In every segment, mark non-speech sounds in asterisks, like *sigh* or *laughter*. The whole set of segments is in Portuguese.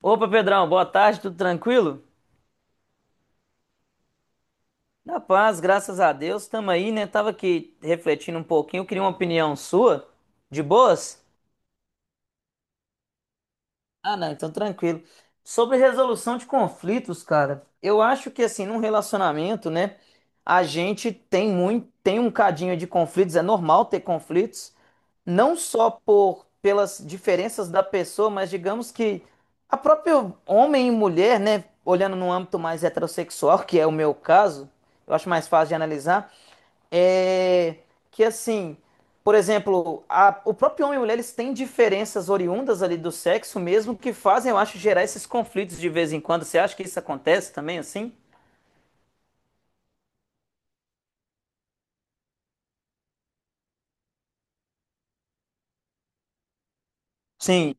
Opa, Pedrão, boa tarde, tudo tranquilo? Na paz, graças a Deus, tamo aí, né? Tava aqui refletindo um pouquinho, queria uma opinião sua. De boas? Ah, não, então tranquilo. Sobre resolução de conflitos, cara, eu acho que assim, num relacionamento, né, a gente tem muito, tem um cadinho de conflitos, é normal ter conflitos. Não só por pelas diferenças da pessoa, mas digamos que a própria homem e mulher, né, olhando no âmbito mais heterossexual, que é o meu caso, eu acho mais fácil de analisar, é que assim, por exemplo, o próprio homem e mulher eles têm diferenças oriundas ali do sexo mesmo que fazem, eu acho, gerar esses conflitos de vez em quando. Você acha que isso acontece também assim? Sim,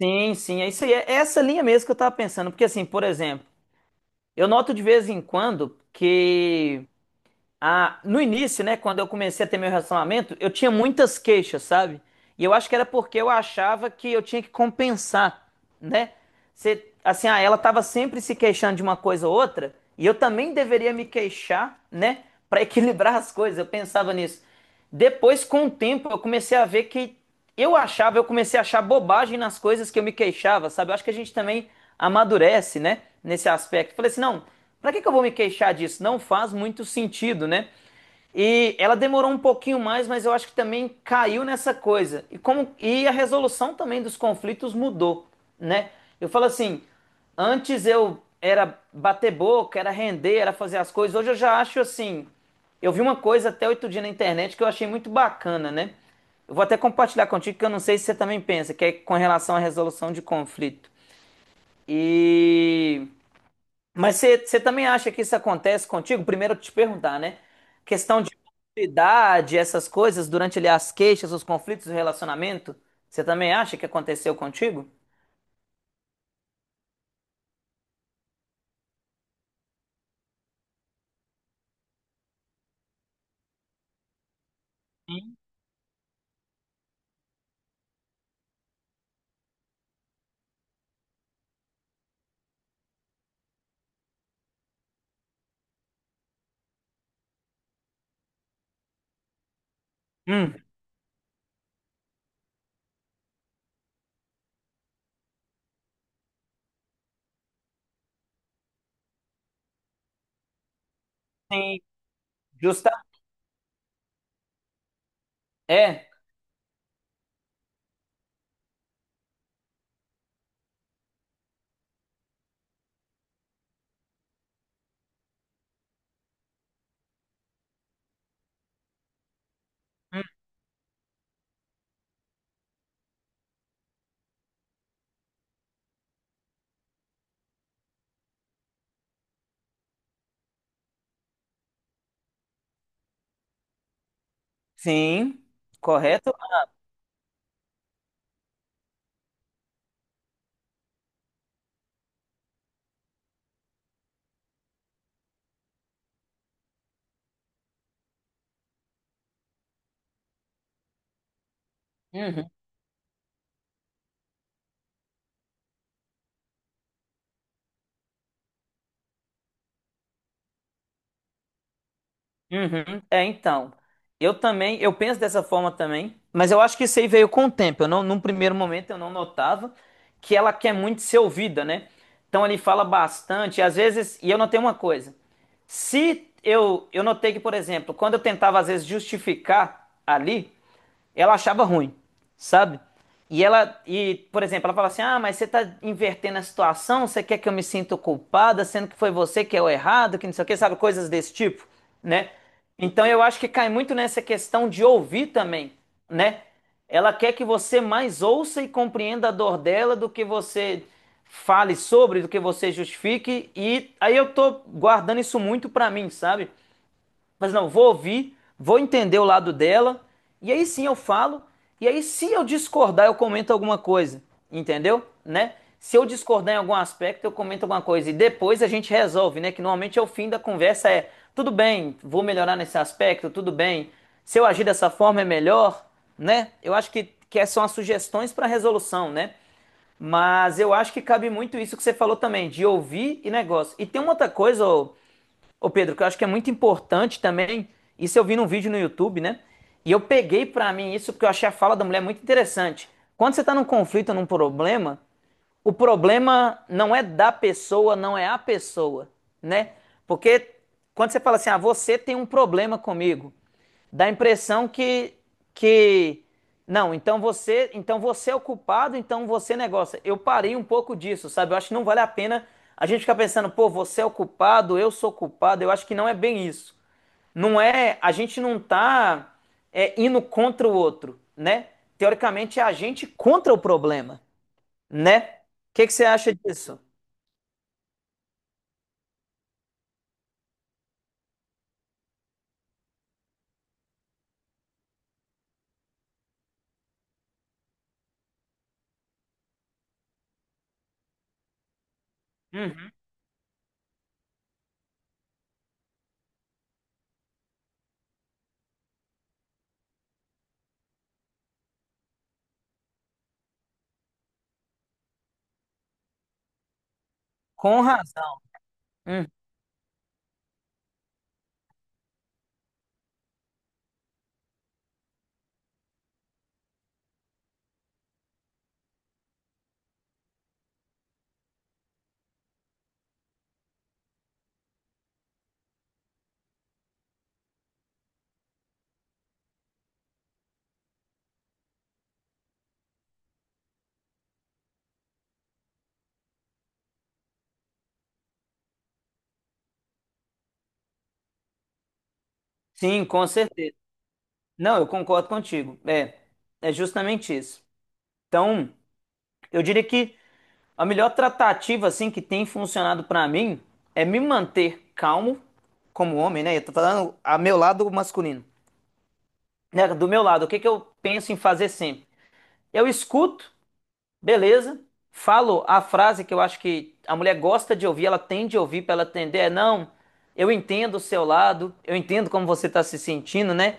sim, sim. É isso aí. É essa linha mesmo que eu tava pensando, porque assim, por exemplo, eu noto de vez em quando que Ah, no início, né, quando eu comecei a ter meu relacionamento, eu tinha muitas queixas, sabe? E eu acho que era porque eu achava que eu tinha que compensar, né? Você, assim, ah, ela tava sempre se queixando de uma coisa ou outra, e eu também deveria me queixar, né, *laughs* pra equilibrar as coisas. Eu pensava nisso. Depois, com o tempo, eu comecei a ver que eu achava, eu comecei a achar bobagem nas coisas que eu me queixava, sabe? Eu acho que a gente também amadurece, né, nesse aspecto. Falei assim, não, para que que eu vou me queixar disso? Não faz muito sentido, né? E ela demorou um pouquinho mais, mas eu acho que também caiu nessa coisa. E como e a resolução também dos conflitos mudou, né? Eu falo assim, antes eu era bater boca, era render, era fazer as coisas. Hoje eu já acho assim, eu vi uma coisa até outro dia na internet que eu achei muito bacana, né? Eu vou até compartilhar contigo que eu não sei se você também pensa, que é com relação à resolução de conflito. E mas você também acha que isso acontece contigo? Primeiro eu te perguntar, né? Questão de idade, essas coisas, durante ali as queixas, os conflitos do relacionamento, você também acha que aconteceu contigo? Hum. Sim, justa. É. Hum. Sim, correto? Uhum. Uhum. É, então, eu também, eu penso dessa forma também, mas eu acho que isso aí veio com o tempo. Eu não, num primeiro momento eu não notava que ela quer muito ser ouvida, né? Então ele fala bastante, e às vezes, e eu notei uma coisa. Se eu, eu notei que, por exemplo, quando eu tentava às vezes justificar ali, ela achava ruim, sabe? E ela, e, por exemplo, ela fala assim: Ah, mas você tá invertendo a situação, você quer que eu me sinta culpada, sendo que foi você que é o errado, que não sei o que, sabe? Coisas desse tipo, né? Então eu acho que cai muito nessa questão de ouvir também, né? Ela quer que você mais ouça e compreenda a dor dela do que você fale sobre, do que você justifique. E aí eu tô guardando isso muito pra mim, sabe? Mas não, vou ouvir, vou entender o lado dela, e aí sim eu falo, e aí se eu discordar, eu comento alguma coisa, entendeu? Né? Se eu discordar em algum aspecto, eu comento alguma coisa, e depois a gente resolve, né? Que normalmente é o fim da conversa, é tudo bem, vou melhorar nesse aspecto, tudo bem, se eu agir dessa forma é melhor, né? Eu acho que essas são as sugestões para resolução, né? Mas eu acho que cabe muito isso que você falou também, de ouvir e negócio. E tem uma outra coisa, ô Pedro, que eu acho que é muito importante também, isso eu vi num vídeo no YouTube, né? E eu peguei pra mim isso porque eu achei a fala da mulher muito interessante. Quando você tá num conflito, num problema, o problema não é da pessoa, não é a pessoa, né? Porque quando você fala assim, ah, você tem um problema comigo, dá a impressão que não, então você é o culpado, então você negócio. Eu parei um pouco disso, sabe? Eu acho que não vale a pena a gente ficar pensando, pô, você é o culpado, eu sou culpado. Eu acho que não é bem isso. Não é, a gente não tá indo contra o outro, né? Teoricamente é a gente contra o problema né? O que que você acha disso? Uhum. Com razão. Uhum. Sim, com certeza. Não, eu concordo contigo. É, é justamente isso. Então, eu diria que a melhor tratativa assim que tem funcionado pra mim é me manter calmo como homem, né? Eu tô falando a meu lado masculino, né? Do meu lado, o que que eu penso em fazer sempre? Eu escuto. Beleza? Falo a frase que eu acho que a mulher gosta de ouvir, ela tende a ouvir para ela atender, é não, eu entendo o seu lado, eu entendo como você está se sentindo, né?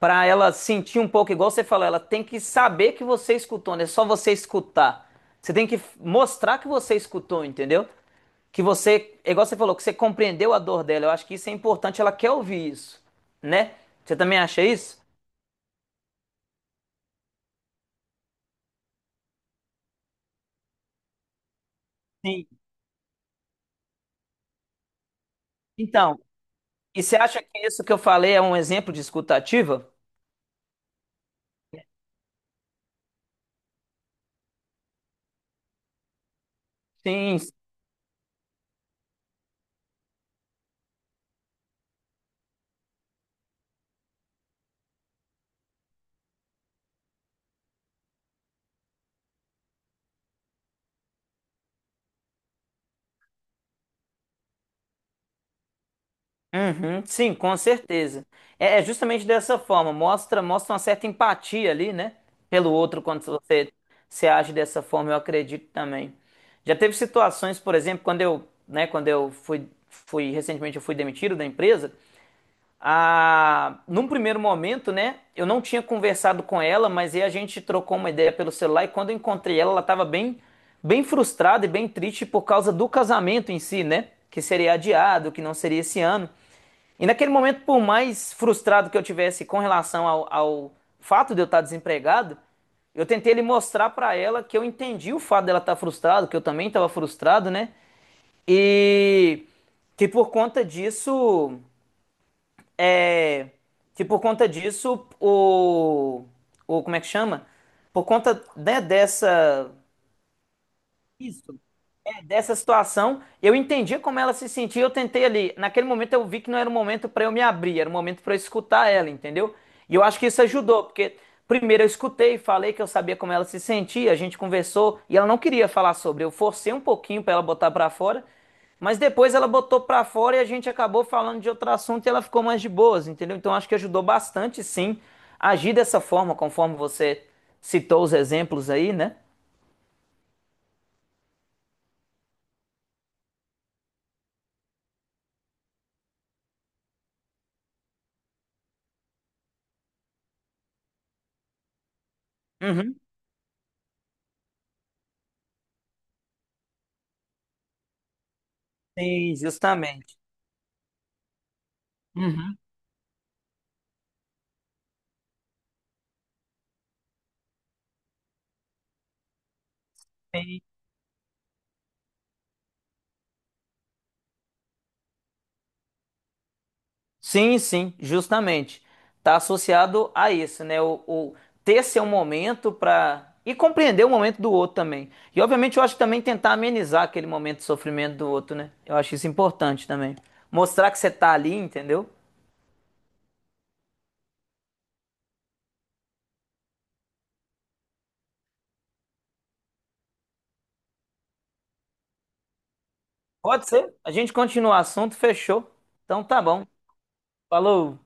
Para ela sentir um pouco, igual você falou, ela tem que saber que você escutou, não é só você escutar. Você tem que mostrar que você escutou, entendeu? Que você, é igual você falou, que você compreendeu a dor dela. Eu acho que isso é importante, ela quer ouvir isso, né? Você também acha isso? Sim. Então, e você acha que isso que eu falei é um exemplo de escutativa? Sim, uhum, sim, com certeza. É, é justamente dessa forma, mostra, mostra uma certa empatia ali, né? Pelo outro, quando você se age dessa forma, eu acredito também. Já teve situações, por exemplo, quando eu, né, quando eu fui, fui recentemente eu fui demitido da empresa, num primeiro momento, né? Eu não tinha conversado com ela, mas aí a gente trocou uma ideia pelo celular e quando eu encontrei ela, ela estava bem, bem frustrada e bem triste por causa do casamento em si, né? Que seria adiado, que não seria esse ano. E naquele momento, por mais frustrado que eu tivesse com relação ao, ao fato de eu estar desempregado, eu tentei lhe mostrar para ela que eu entendi o fato dela estar frustrada, que eu também estava frustrado, né? E que por conta disso é, que por conta disso, o. Como é que chama? Por conta, né, dessa dessa situação, eu entendi como ela se sentia, eu tentei ali. Naquele momento eu vi que não era o momento para eu me abrir, era o momento para eu escutar ela, entendeu? E eu acho que isso ajudou, porque primeiro eu escutei, falei que eu sabia como ela se sentia, a gente conversou e ela não queria falar sobre. Eu forcei um pouquinho para ela botar para fora, mas depois ela botou para fora e a gente acabou falando de outro assunto e ela ficou mais de boas, entendeu? Então acho que ajudou bastante, sim, agir dessa forma, conforme você citou os exemplos aí, né? Uhum. Sim, justamente. Uhum. Sim, sim, justamente. Está associado a isso, né? O ter seu momento para. E compreender o momento do outro também. E, obviamente, eu acho que também tentar amenizar aquele momento de sofrimento do outro, né? Eu acho isso importante também. Mostrar que você tá ali, entendeu? Pode ser. A gente continua o assunto, fechou. Então tá bom. Falou.